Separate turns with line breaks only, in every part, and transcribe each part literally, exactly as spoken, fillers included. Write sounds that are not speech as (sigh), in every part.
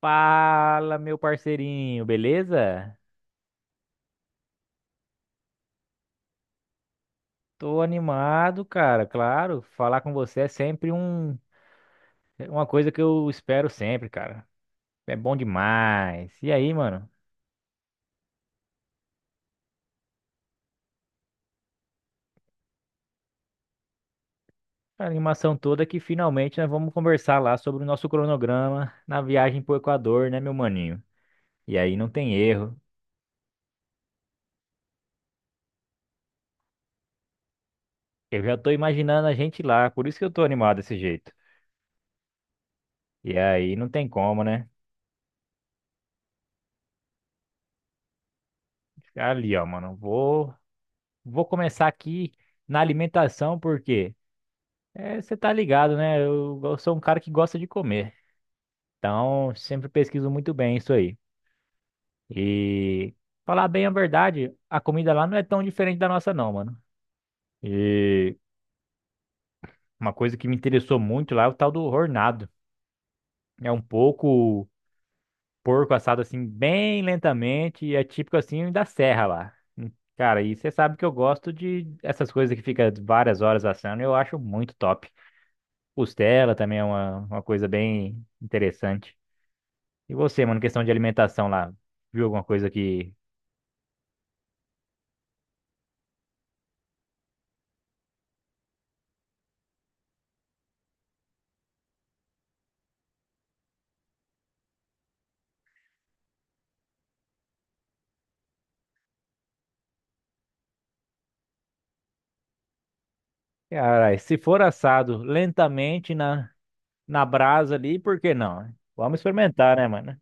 Fala, meu parceirinho, beleza? Tô animado, cara, claro. Falar com você é sempre um, É uma coisa que eu espero sempre, cara. É bom demais. E aí, mano? A animação toda que finalmente nós vamos conversar lá sobre o nosso cronograma na viagem pro Equador, né, meu maninho? E aí não tem erro. Eu já tô imaginando a gente lá, por isso que eu tô animado desse jeito. E aí não tem como, né? Ali, ó, mano, vou, vou começar aqui na alimentação, porque é, você tá ligado, né? Eu, eu sou um cara que gosta de comer. Então, sempre pesquiso muito bem isso aí. E falar bem a verdade, a comida lá não é tão diferente da nossa, não, mano. E uma coisa que me interessou muito lá é o tal do hornado. É um pouco porco assado assim, bem lentamente, e é típico assim da serra lá. Hum, Cara, e você sabe que eu gosto de essas coisas que fica várias horas assando, eu acho muito top. Costela também é uma, uma coisa bem interessante. E você, mano, questão de alimentação lá, viu alguma coisa que... Cara, se for assado lentamente na, na brasa ali, por que não, né? Vamos experimentar, né, mano?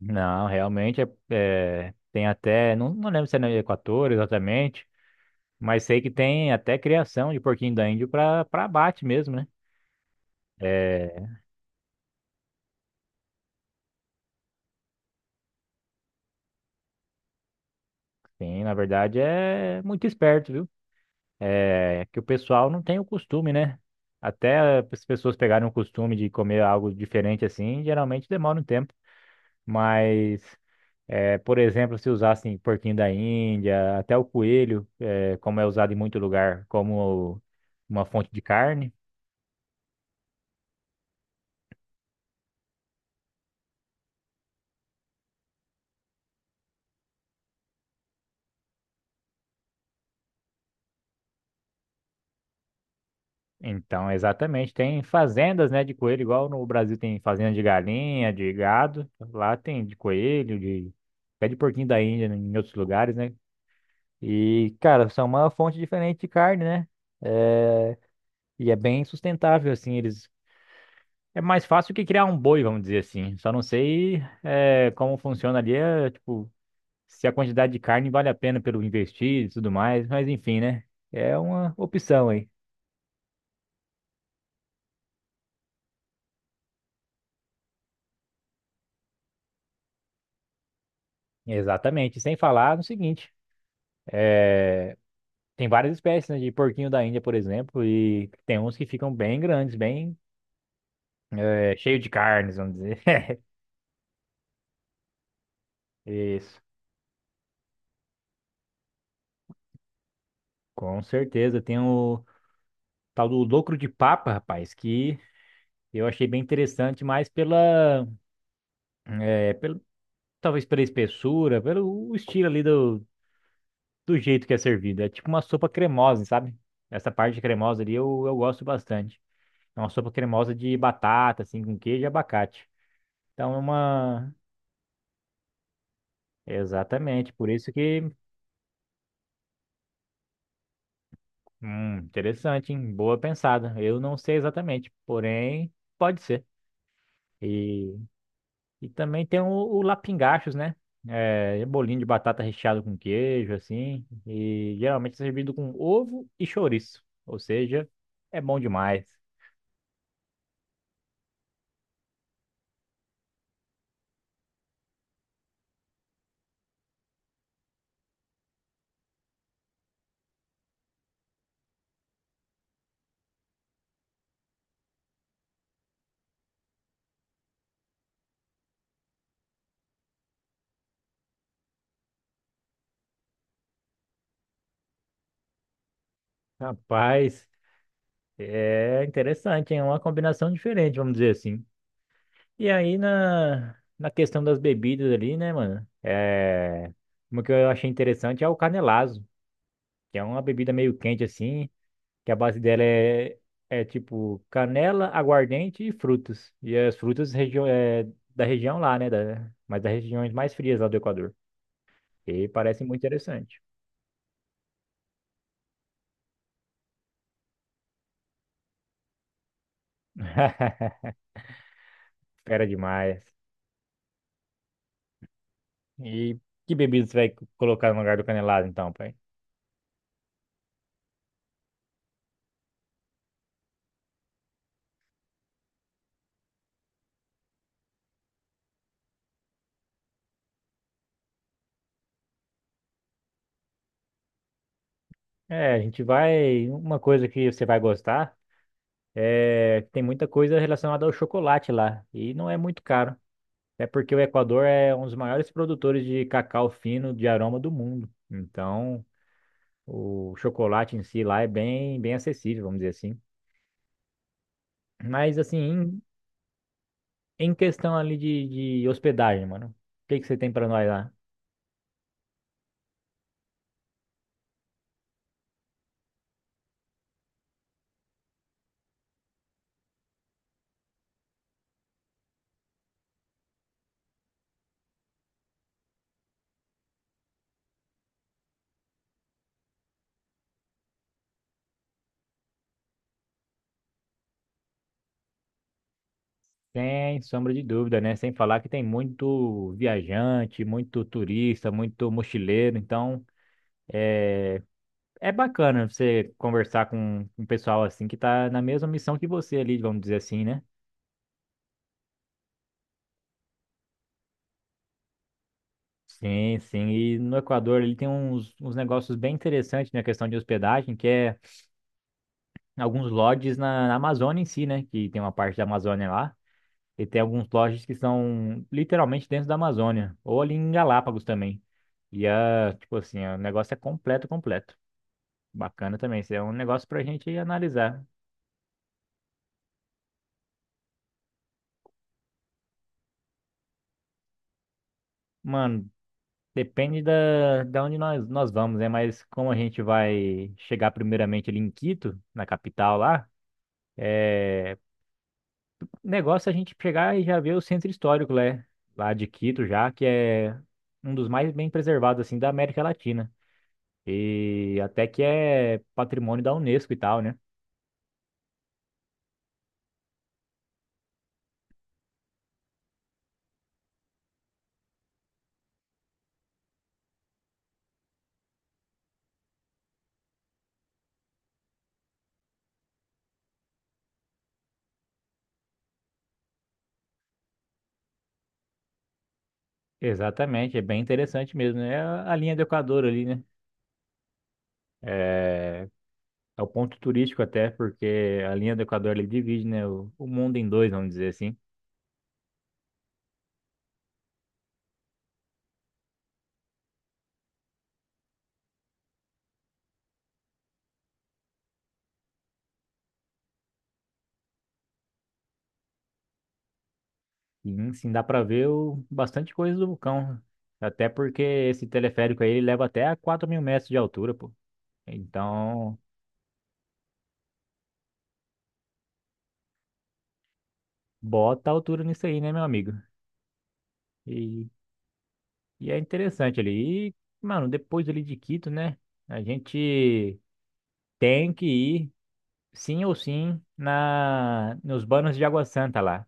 Não, realmente é, é, tem até, não, não lembro se é no Equador exatamente, mas sei que tem até criação de porquinho da Índia para para abate mesmo, né? É, sim, na verdade é muito esperto, viu? É que o pessoal não tem o costume, né? Até as pessoas pegarem o costume de comer algo diferente assim, geralmente demora um tempo. Mas, é, por exemplo, se usassem porquinho da Índia, até o coelho, é, como é usado em muito lugar, como uma fonte de carne. Então, exatamente, tem fazendas, né, de coelho, igual no Brasil tem fazenda de galinha, de gado, lá tem de coelho, de até de porquinho da Índia em outros lugares, né? E, cara, são uma fonte diferente de carne, né? eh, E é bem sustentável, assim, eles é mais fácil que criar um boi, vamos dizer assim. Só não sei é, como funciona ali, é, tipo, se a quantidade de carne vale a pena pelo investir e tudo mais, mas enfim, né? É uma opção aí. Exatamente. Sem falar no seguinte, tem várias espécies, né, de porquinho da Índia, por exemplo, e tem uns que ficam bem grandes, bem é, cheio de carnes, vamos dizer. (laughs) Isso, com certeza. Tem o tal do locro de papa, rapaz, que eu achei bem interessante, mas pela, talvez pela espessura, pelo o estilo ali do, do jeito que é servido. É tipo uma sopa cremosa, sabe? Essa parte cremosa ali eu, eu gosto bastante. É uma sopa cremosa de batata, assim, com queijo e abacate. Então é uma. Exatamente, por isso que. Hum, interessante, hein? Boa pensada. Eu não sei exatamente, porém, pode ser. E E também tem o, o lapingachos, né? É, bolinho de batata recheado com queijo, assim. E geralmente é servido com ovo e chouriço. Ou seja, é bom demais. Rapaz, é interessante, hein? É uma combinação diferente, vamos dizer assim. E aí na, na questão das bebidas ali, né, mano? É, uma que eu achei interessante é o canelazo, que é uma bebida meio quente, assim. Que a base dela é, é tipo canela, aguardente e frutos. E as frutas região, é, da região lá, né? Da, mas das regiões mais frias lá do Equador. E parece muito interessante. (laughs) Fera demais. E que bebida você vai co- colocar no lugar do canelado, então, pai? É, a gente vai. Uma coisa que você vai gostar é que tem muita coisa relacionada ao chocolate lá. E não é muito caro. É porque o Equador é um dos maiores produtores de cacau fino de aroma do mundo. Então, o chocolate em si lá é bem, bem acessível, vamos dizer assim. Mas assim, em, em questão ali de, de hospedagem, mano, o que que você tem pra nós lá? Sem sombra de dúvida, né? Sem falar que tem muito viajante, muito turista, muito mochileiro. Então, é bacana você conversar com um pessoal assim que tá na mesma missão que você ali, vamos dizer assim, né? Sim, sim. E no Equador ele tem uns, uns negócios bem interessantes na questão de hospedagem, que é alguns lodges na, na Amazônia em si, né? Que tem uma parte da Amazônia lá. E tem alguns lodges que são literalmente dentro da Amazônia. Ou ali em Galápagos também. E, ah, tipo assim, o negócio é completo, completo. Bacana também. Isso é um negócio pra gente analisar. Mano, depende da, da onde nós, nós vamos, né? Mas como a gente vai chegar primeiramente ali em Quito, na capital lá, é, negócio é a gente chegar e já ver o centro histórico, né? Lá de Quito já, que é um dos mais bem preservados, assim, da América Latina. E até que é patrimônio da Unesco e tal, né? Exatamente, é bem interessante mesmo, né? É a a linha do Equador ali, né? É, é o ponto turístico até, porque a linha do Equador ele divide, né, o, o mundo em dois, vamos dizer assim. E sim, dá para ver o, bastante coisa do vulcão. Até porque esse teleférico aí ele leva até a quatro mil metros de altura, pô. Então, bota a altura nisso aí, né, meu amigo? E, e é interessante ali. E, mano, depois ali de Quito, né? A gente tem que ir, sim ou sim, na, nos Banos de Água Santa lá.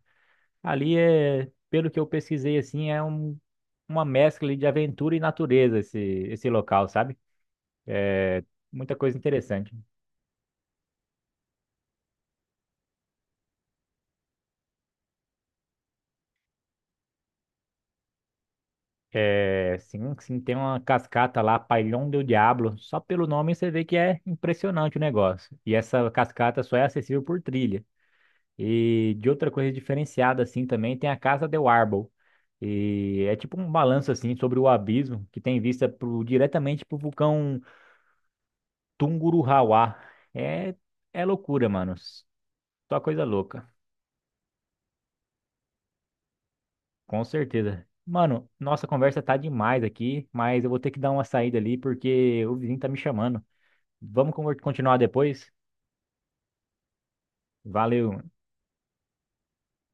Ali é, pelo que eu pesquisei, assim, é um, uma mescla ali de aventura e natureza esse, esse local, sabe? É Muita coisa interessante. É, sim, sim, tem uma cascata lá, Pailhão do Diablo. Só pelo nome você vê que é impressionante o negócio. E essa cascata só é acessível por trilha. E de outra coisa diferenciada assim também tem a Casa del Árbol. E é tipo um balanço assim sobre o abismo que tem vista pro, diretamente pro vulcão Tungurahua. É é loucura, mano. Só coisa louca, com certeza. Mano, nossa conversa tá demais aqui, mas eu vou ter que dar uma saída ali porque o vizinho tá me chamando. Vamos conver- continuar depois? Valeu.